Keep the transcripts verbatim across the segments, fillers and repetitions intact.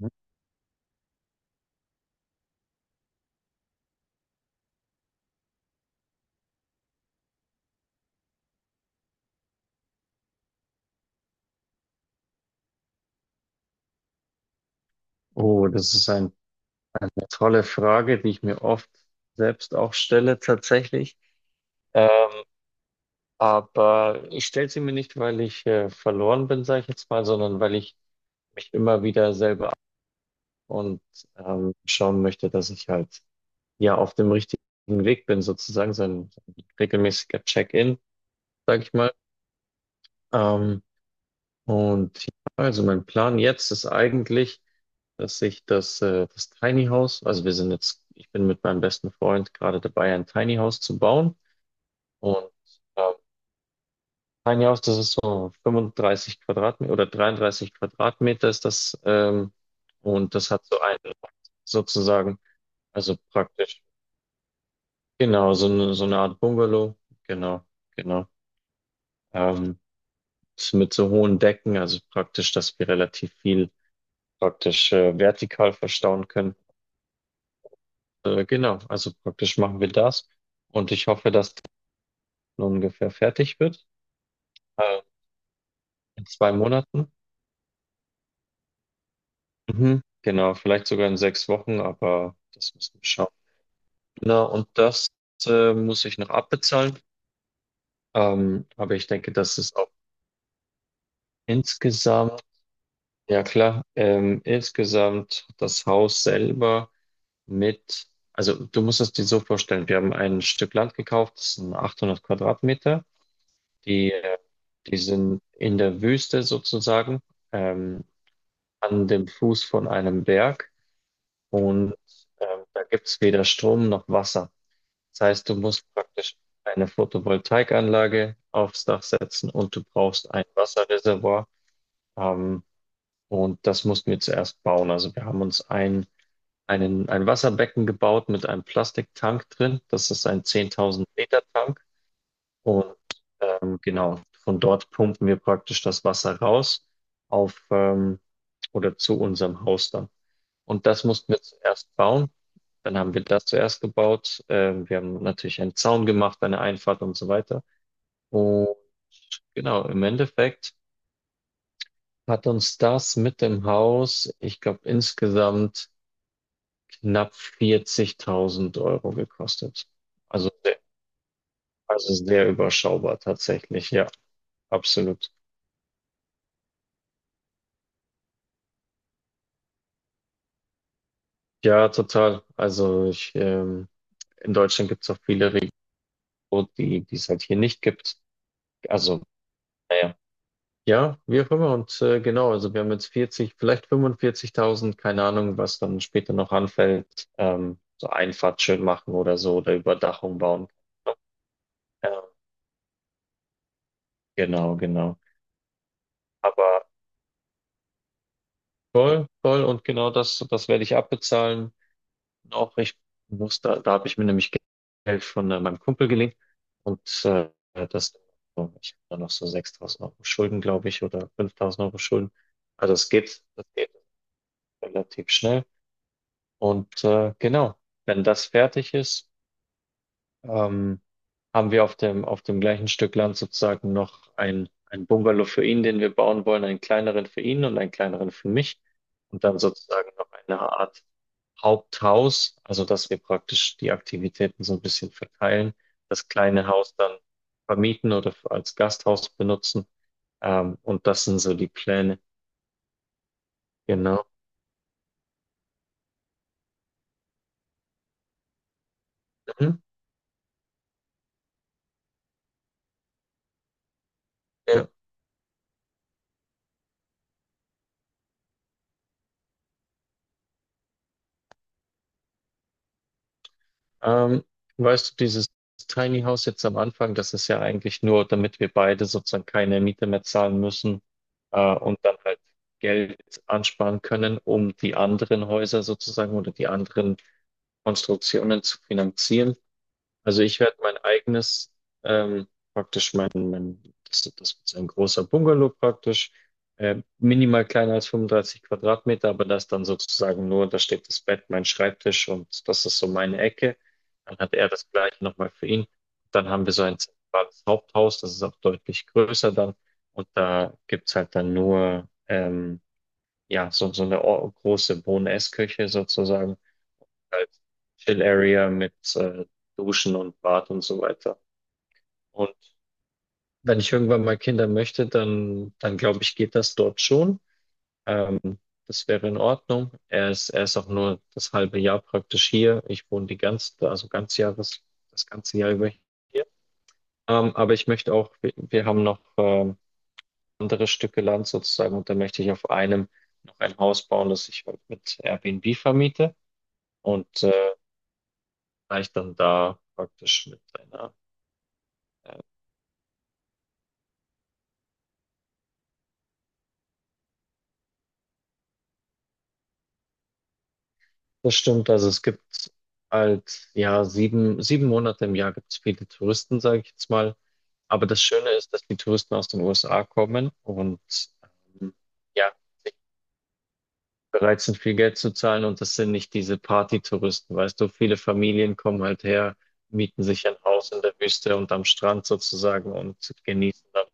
Mhm. Oh, das ist eine tolle Frage, die ich mir oft selbst auch stelle tatsächlich. Äh, aber ich stelle sie mir nicht, weil ich äh, verloren bin, sage ich jetzt mal, sondern weil ich mich immer wieder selber und ähm, schauen möchte, dass ich halt ja auf dem richtigen Weg bin, sozusagen so ein, so ein regelmäßiger Check-in, sage ich mal. Ähm, und ja, also mein Plan jetzt ist eigentlich, dass ich das, äh, das Tiny House, also wir sind jetzt, ich bin mit meinem besten Freund gerade dabei, ein Tiny House zu bauen. Und ähm, Tiny House, das ist so fünfunddreißig Quadratmeter oder dreiunddreißig Quadratmeter ist das ähm, und das hat so einen Raum sozusagen, also praktisch. Genau, so eine, so eine Art Bungalow. Genau, genau. Ähm, Ist mit so hohen Decken, also praktisch, dass wir relativ viel praktisch äh, vertikal verstauen können. Äh, genau, also praktisch machen wir das. Und ich hoffe, dass das ungefähr fertig wird. Äh, in zwei Monaten. Mhm. Genau, vielleicht sogar in sechs Wochen, aber das müssen wir schauen. Genau, und das äh, muss ich noch abbezahlen. Ähm, aber ich denke, das ist auch insgesamt. Ja, klar. Ähm, insgesamt das Haus selber mit, also du musst es dir so vorstellen, wir haben ein Stück Land gekauft, das sind achthundert Quadratmeter, die, äh, die sind in der Wüste sozusagen, ähm, an dem Fuß von einem Berg und ähm, da gibt es weder Strom noch Wasser. Das heißt, du musst praktisch eine Photovoltaikanlage aufs Dach setzen und du brauchst ein Wasserreservoir. Ähm, und das mussten wir zuerst bauen. Also wir haben uns ein einen, ein Wasserbecken gebaut mit einem Plastiktank drin. Das ist ein zehntausend Liter Tank. Und ähm, genau, von dort pumpen wir praktisch das Wasser raus auf ähm, oder zu unserem Haus dann. Und das mussten wir zuerst bauen. Dann haben wir das zuerst gebaut. Ähm, wir haben natürlich einen Zaun gemacht, eine Einfahrt und so weiter. Und genau, im Endeffekt hat uns das mit dem Haus, ich glaube, insgesamt knapp vierzigtausend Euro gekostet. Also sehr, also sehr überschaubar tatsächlich, ja, absolut. Ja, total. Also ich, ähm, in Deutschland gibt es auch viele Regionen, die die es halt hier nicht gibt. Also, naja. Ja, wie auch immer. Und äh, genau, also wir haben jetzt vierzig, vielleicht fünfundvierzigtausend, keine Ahnung, was dann später noch anfällt. Ähm, so Einfahrt schön machen oder so oder Überdachung bauen. Ähm, genau, genau. Aber voll, voll und genau das, das werde ich abbezahlen. Auch recht bewusst, da, da habe ich mir nämlich Geld von äh, meinem Kumpel geliehen und äh, das, ich habe da noch so sechstausend Euro Schulden, glaube ich, oder fünftausend Euro Schulden. Also es geht, das geht relativ schnell. Und äh, genau, wenn das fertig ist, ähm, haben wir auf dem, auf dem gleichen Stück Land sozusagen noch ein, ein Bungalow für ihn, den wir bauen wollen, einen kleineren für ihn und einen kleineren für mich und dann sozusagen noch eine Art Haupthaus, also dass wir praktisch die Aktivitäten so ein bisschen verteilen, das kleine Haus dann vermieten oder f- als Gasthaus benutzen. Ähm, und das sind so die Pläne. Genau. Mhm. Ja. Ähm, Weißt du, dieses Tiny House jetzt am Anfang, das ist ja eigentlich nur, damit wir beide sozusagen keine Miete mehr zahlen müssen, äh, und dann halt Geld ansparen können, um die anderen Häuser sozusagen oder die anderen Konstruktionen zu finanzieren. Also ich werde mein eigenes, ähm, praktisch mein, mein, das, das wird so ein großer Bungalow praktisch, äh, minimal kleiner als fünfunddreißig Quadratmeter, aber das dann sozusagen nur, da steht das Bett, mein Schreibtisch und das ist so meine Ecke. Dann hat er das gleiche nochmal für ihn. Dann haben wir so ein zentrales Haupthaus, das ist auch deutlich größer dann und da gibt's halt dann nur, ähm, ja, so, so eine or- große Boness-Küche sozusagen. Halt Chill-Area mit äh, Duschen und Bad und so weiter. Und wenn ich irgendwann mal Kinder möchte, dann, dann glaube ich, geht das dort schon. Ähm, Das wäre in Ordnung. Er ist, er ist auch nur das halbe Jahr praktisch hier. Ich wohne die ganze, also ganz Jahres, das ganze Jahr über hier. Ähm, aber ich möchte auch, wir, wir haben noch ähm, andere Stücke Land sozusagen und da möchte ich auf einem noch ein Haus bauen, das ich halt mit Airbnb vermiete und äh, vielleicht dann da praktisch mit einer. Äh, Das stimmt, also es gibt halt ja sieben, sieben Monate im Jahr gibt es viele Touristen, sage ich jetzt mal. Aber das Schöne ist, dass die Touristen aus den U S A kommen und ähm, ja, bereit sind, viel Geld zu zahlen, und das sind nicht diese Partytouristen, weißt du, viele Familien kommen halt her, mieten sich ein Haus in der Wüste und am Strand sozusagen und genießen dann.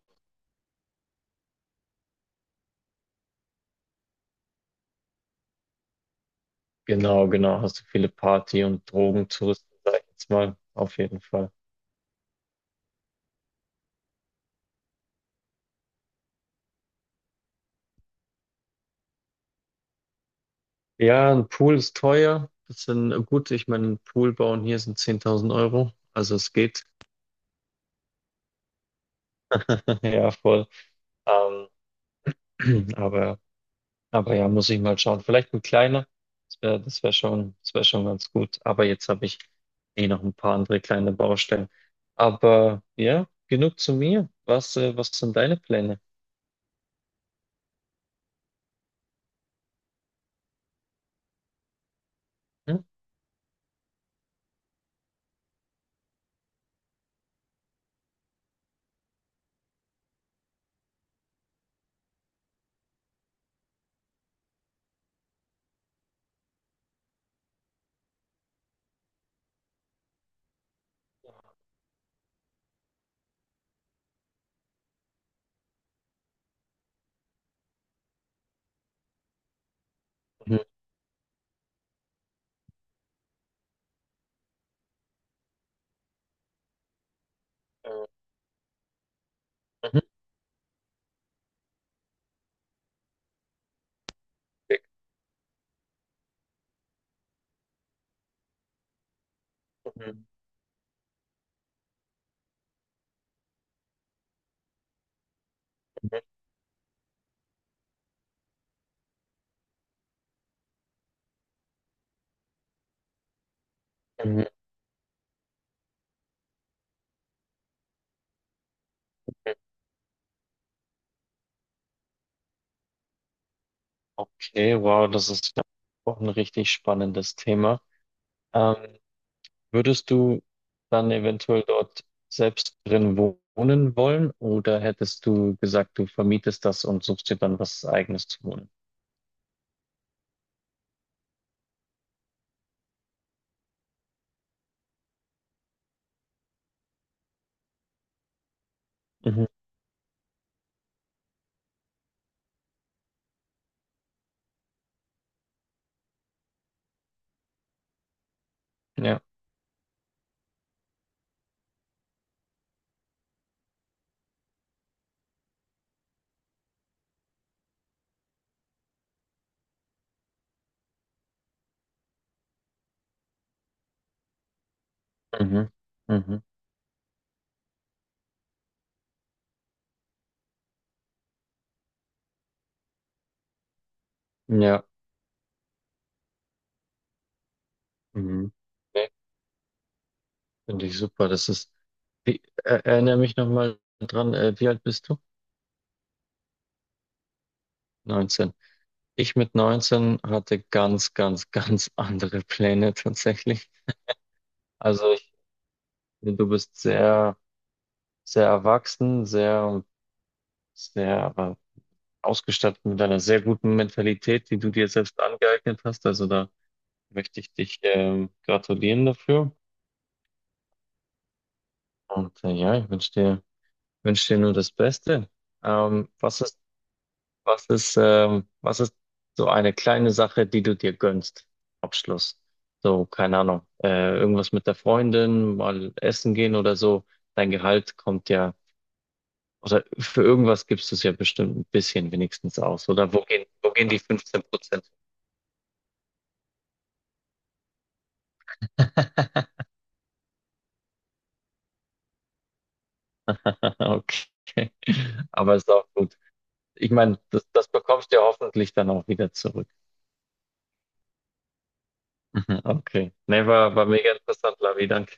Genau, genau, hast du viele Party- und Drogentouristen, sag ich jetzt mal, auf jeden Fall. Ja, ein Pool ist teuer, das sind gut, ich meine, ein Pool bauen hier sind zehntausend Euro, also es geht, ja, voll, ähm, aber Aber ja, muss ich mal schauen. Vielleicht ein kleiner. Das wäre, das wäre schon, das wäre schon ganz gut. Aber jetzt habe ich eh noch ein paar andere kleine Baustellen. Aber ja, genug zu mir. Was, äh, was sind deine Pläne? Hm? Mhm. Mhm. Mhm. Mhm. Mhm. Okay, wow, das ist ja auch ein richtig spannendes Thema. Ähm, Würdest du dann eventuell dort selbst drin wohnen wollen oder hättest du gesagt, du vermietest das und suchst dir dann was Eigenes zu wohnen? Ja, mhm, mhm, ja, mhm. Nee, finde ich super. Das ist, wie, er, erinnere mich nochmal dran, äh, wie alt bist du? Neunzehn. Ich mit neunzehn hatte ganz, ganz, ganz andere Pläne tatsächlich. Also ich, du bist sehr, sehr erwachsen, sehr, sehr, aber ausgestattet mit einer sehr guten Mentalität, die du dir selbst angeeignet hast. Also da möchte ich dich, ähm, gratulieren dafür. Und äh, ja, ich wünsche dir wünsche dir nur das Beste. Ähm, was ist, was ist, ähm, was ist so eine kleine Sache, die du dir gönnst? Abschluss. So, keine Ahnung. Äh, irgendwas mit der Freundin, mal essen gehen oder so. Dein Gehalt kommt ja, oder für irgendwas gibst du es ja bestimmt ein bisschen wenigstens aus. Oder wo gehen, wo gehen die fünfzehn Prozent? Okay. Aber ist auch gut. Ich meine, das, das bekommst du ja hoffentlich dann auch wieder zurück. Okay. Nee, war, war mega interessant, Lavi. Danke.